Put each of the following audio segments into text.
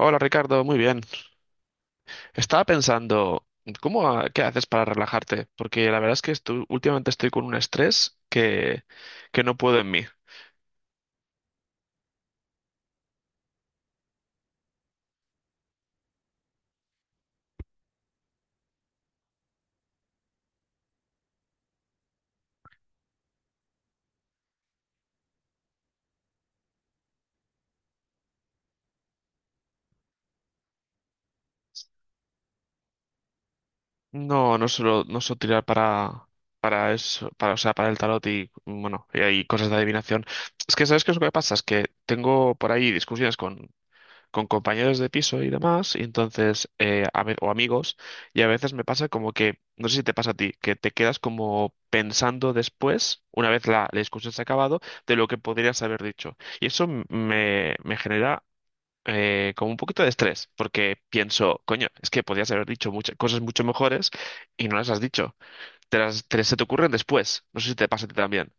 Hola Ricardo, muy bien. Estaba pensando, ¿ qué haces para relajarte? Porque la verdad es que últimamente estoy con un estrés que no puedo en mí. No, no suelo tirar para eso, para el tarot y bueno, y hay cosas de adivinación. Es que, ¿sabes qué es lo que pasa? Es que tengo por ahí discusiones con compañeros de piso y demás, y entonces, o amigos, y a veces me pasa como que, no sé si te pasa a ti, que te quedas como pensando después, una vez la discusión se ha acabado, de lo que podrías haber dicho. Y eso me genera como un poquito de estrés, porque pienso, coño, es que podrías haber dicho muchas cosas mucho mejores y no las has dicho. Se te ocurren después. No sé si te pasa a ti también.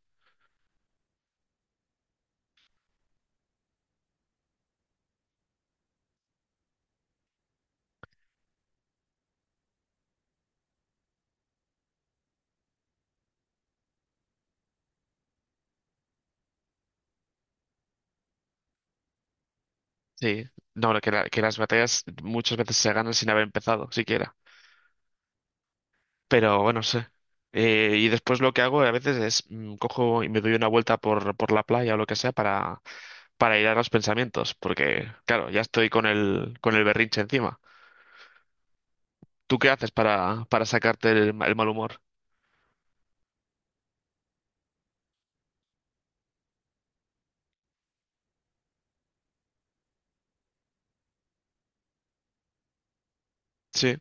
Sí. No, que las batallas muchas veces se ganan sin haber empezado, siquiera. Pero bueno, no sé. Y después lo que hago a veces es cojo y me doy una vuelta por la playa o lo que sea para aislar los pensamientos, porque claro, ya estoy con con el berrinche encima. ¿Tú qué haces para sacarte el mal humor? Sí,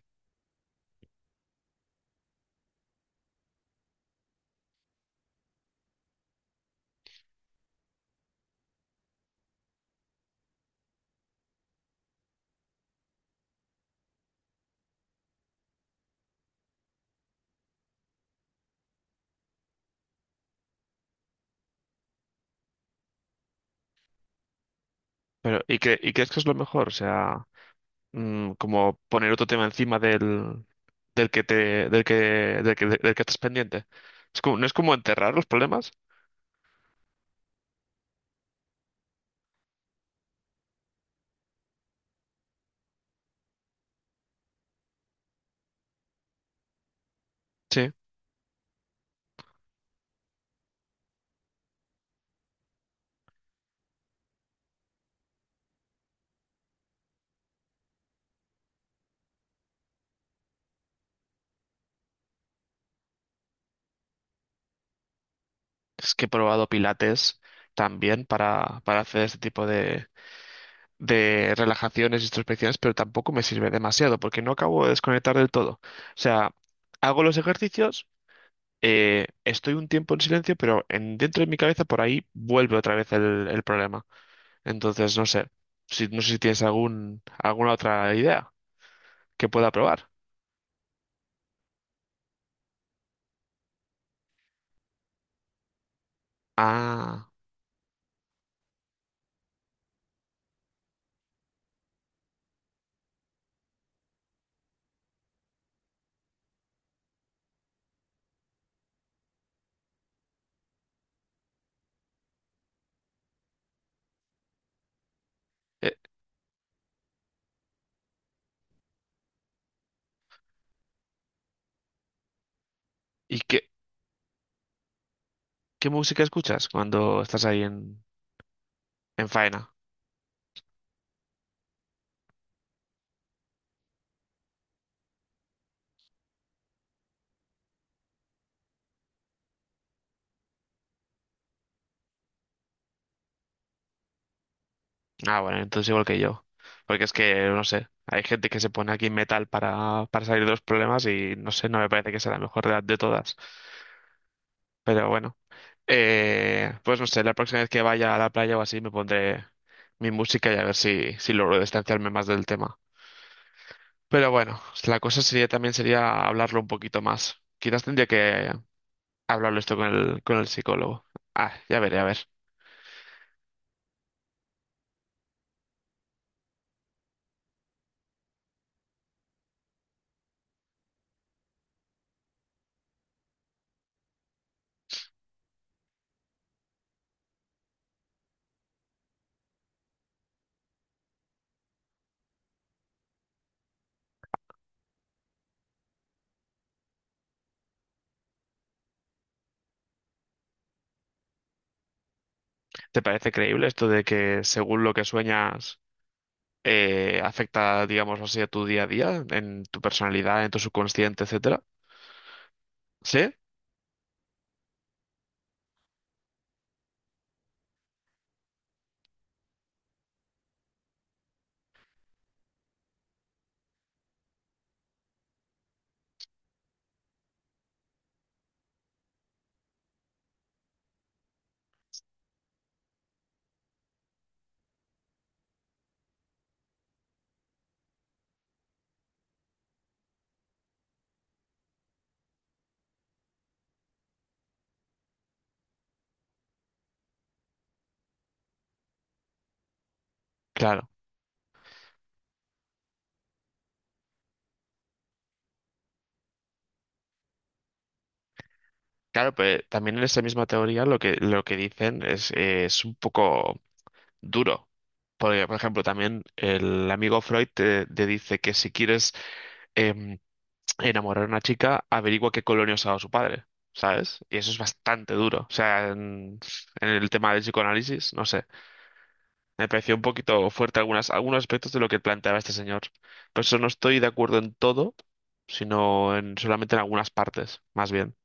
pero ¿ y crees que es lo mejor? O sea, como poner otro tema encima del, del que te, del que, del que, del que estás pendiente. ¿Es no es como enterrar los problemas? Sí. Es que he probado pilates también para hacer este tipo de relajaciones, introspecciones, pero tampoco me sirve demasiado porque no acabo de desconectar del todo. O sea, hago los ejercicios, estoy un tiempo en silencio, pero dentro de mi cabeza por ahí vuelve otra vez el problema. Entonces, no sé, si, no sé si tienes alguna otra idea que pueda probar. Ah, eh, ¿y qué, qué música escuchas cuando estás ahí en faena? Ah, bueno, entonces igual que yo. Porque es que, no sé, hay gente que se pone aquí metal para salir de los problemas y no sé, no me parece que sea la mejor edad de todas. Pero bueno, pues no sé, la próxima vez que vaya a la playa o así me pondré mi música y a ver si logro distanciarme más del tema. Pero bueno, la cosa sería también sería hablarlo un poquito más. Quizás tendría que hablarlo esto con con el psicólogo. Ah, ya veré, a ver. ¿Te parece creíble esto de que según lo que sueñas... afecta, digamos así, a tu día a día, en tu personalidad, en tu subconsciente, etcétera? ¿Sí? Claro. Claro, pero también en esa misma teoría lo que dicen es un poco duro. Porque, por ejemplo, también el amigo Freud te dice que si quieres em, enamorar a una chica, averigua qué colonia usaba su padre, ¿sabes? Y eso es bastante duro. O sea, en el tema del psicoanálisis, no sé. Me pareció un poquito fuerte algunos aspectos de lo que planteaba este señor. Por eso no estoy de acuerdo en todo, solamente en algunas partes, más bien.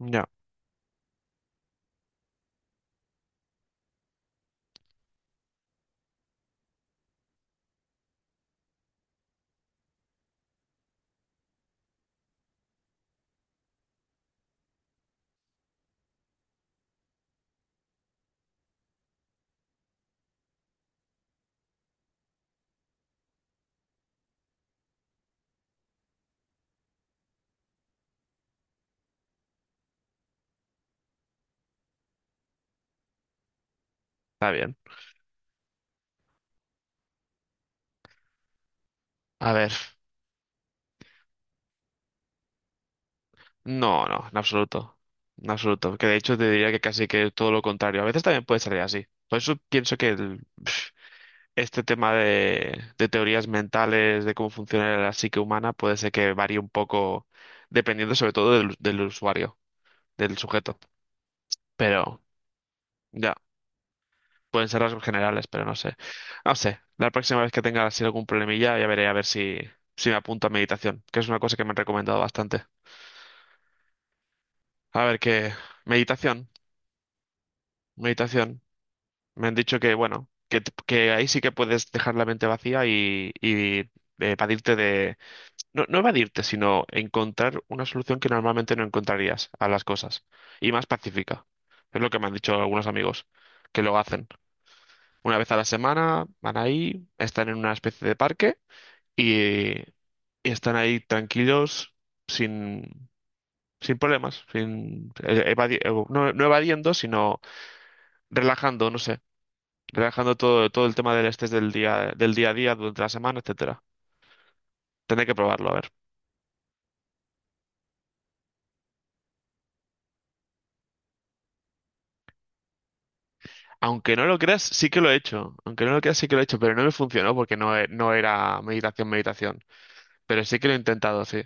Ya, está bien. A ver, no, no, en absoluto. En absoluto. Que de hecho te diría que casi que todo lo contrario. A veces también puede salir así. Por eso pienso que este tema de teorías mentales, de cómo funciona la psique humana, puede ser que varíe un poco dependiendo sobre todo del usuario, del sujeto. Pero, ya. Pueden ser rasgos generales, pero no sé. No sé. La próxima vez que tenga así algún problemilla, ya veré a ver si me apunto a meditación, que es una cosa que me han recomendado bastante. A ver qué. Meditación, meditación. Me han dicho que, bueno, que ahí sí que puedes dejar la mente vacía y evadirte de. No, no evadirte, sino encontrar una solución que normalmente no encontrarías a las cosas. Y más pacífica. Es lo que me han dicho algunos amigos que lo hacen. Una vez a la semana van ahí, están en una especie de parque. y, eh, y están ahí tranquilos, sin, sin problemas, sin, evadi- no, no evadiendo, sino relajando, no sé, relajando todo, todo el tema del estrés del día a día, durante la semana, etcétera. Tendré que probarlo, a ver. Aunque no lo creas, sí que lo he hecho. Aunque no lo creas, sí que lo he hecho, pero no me funcionó porque no era meditación, meditación. Pero sí que lo he intentado, sí.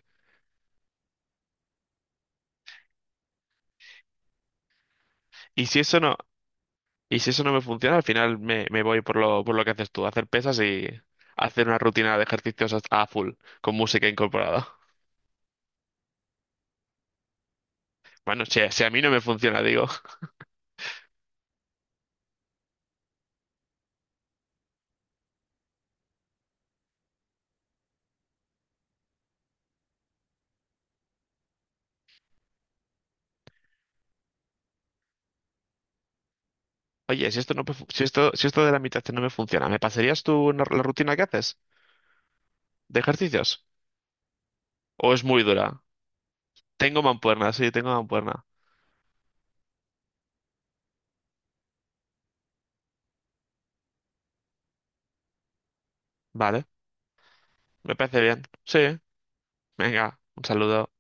Y si eso no Y si eso no me funciona, al final me voy por por lo que haces tú, hacer pesas y hacer una rutina de ejercicios a full, con música incorporada. Bueno, si a mí no me funciona, digo, oye, si esto no, me fu- si esto de la meditación no me funciona, ¿me pasarías tú la rutina que haces de ejercicios? ¿O es muy dura? Tengo mancuerna, sí, tengo mancuerna. Vale, me parece bien. Sí, venga, un saludo.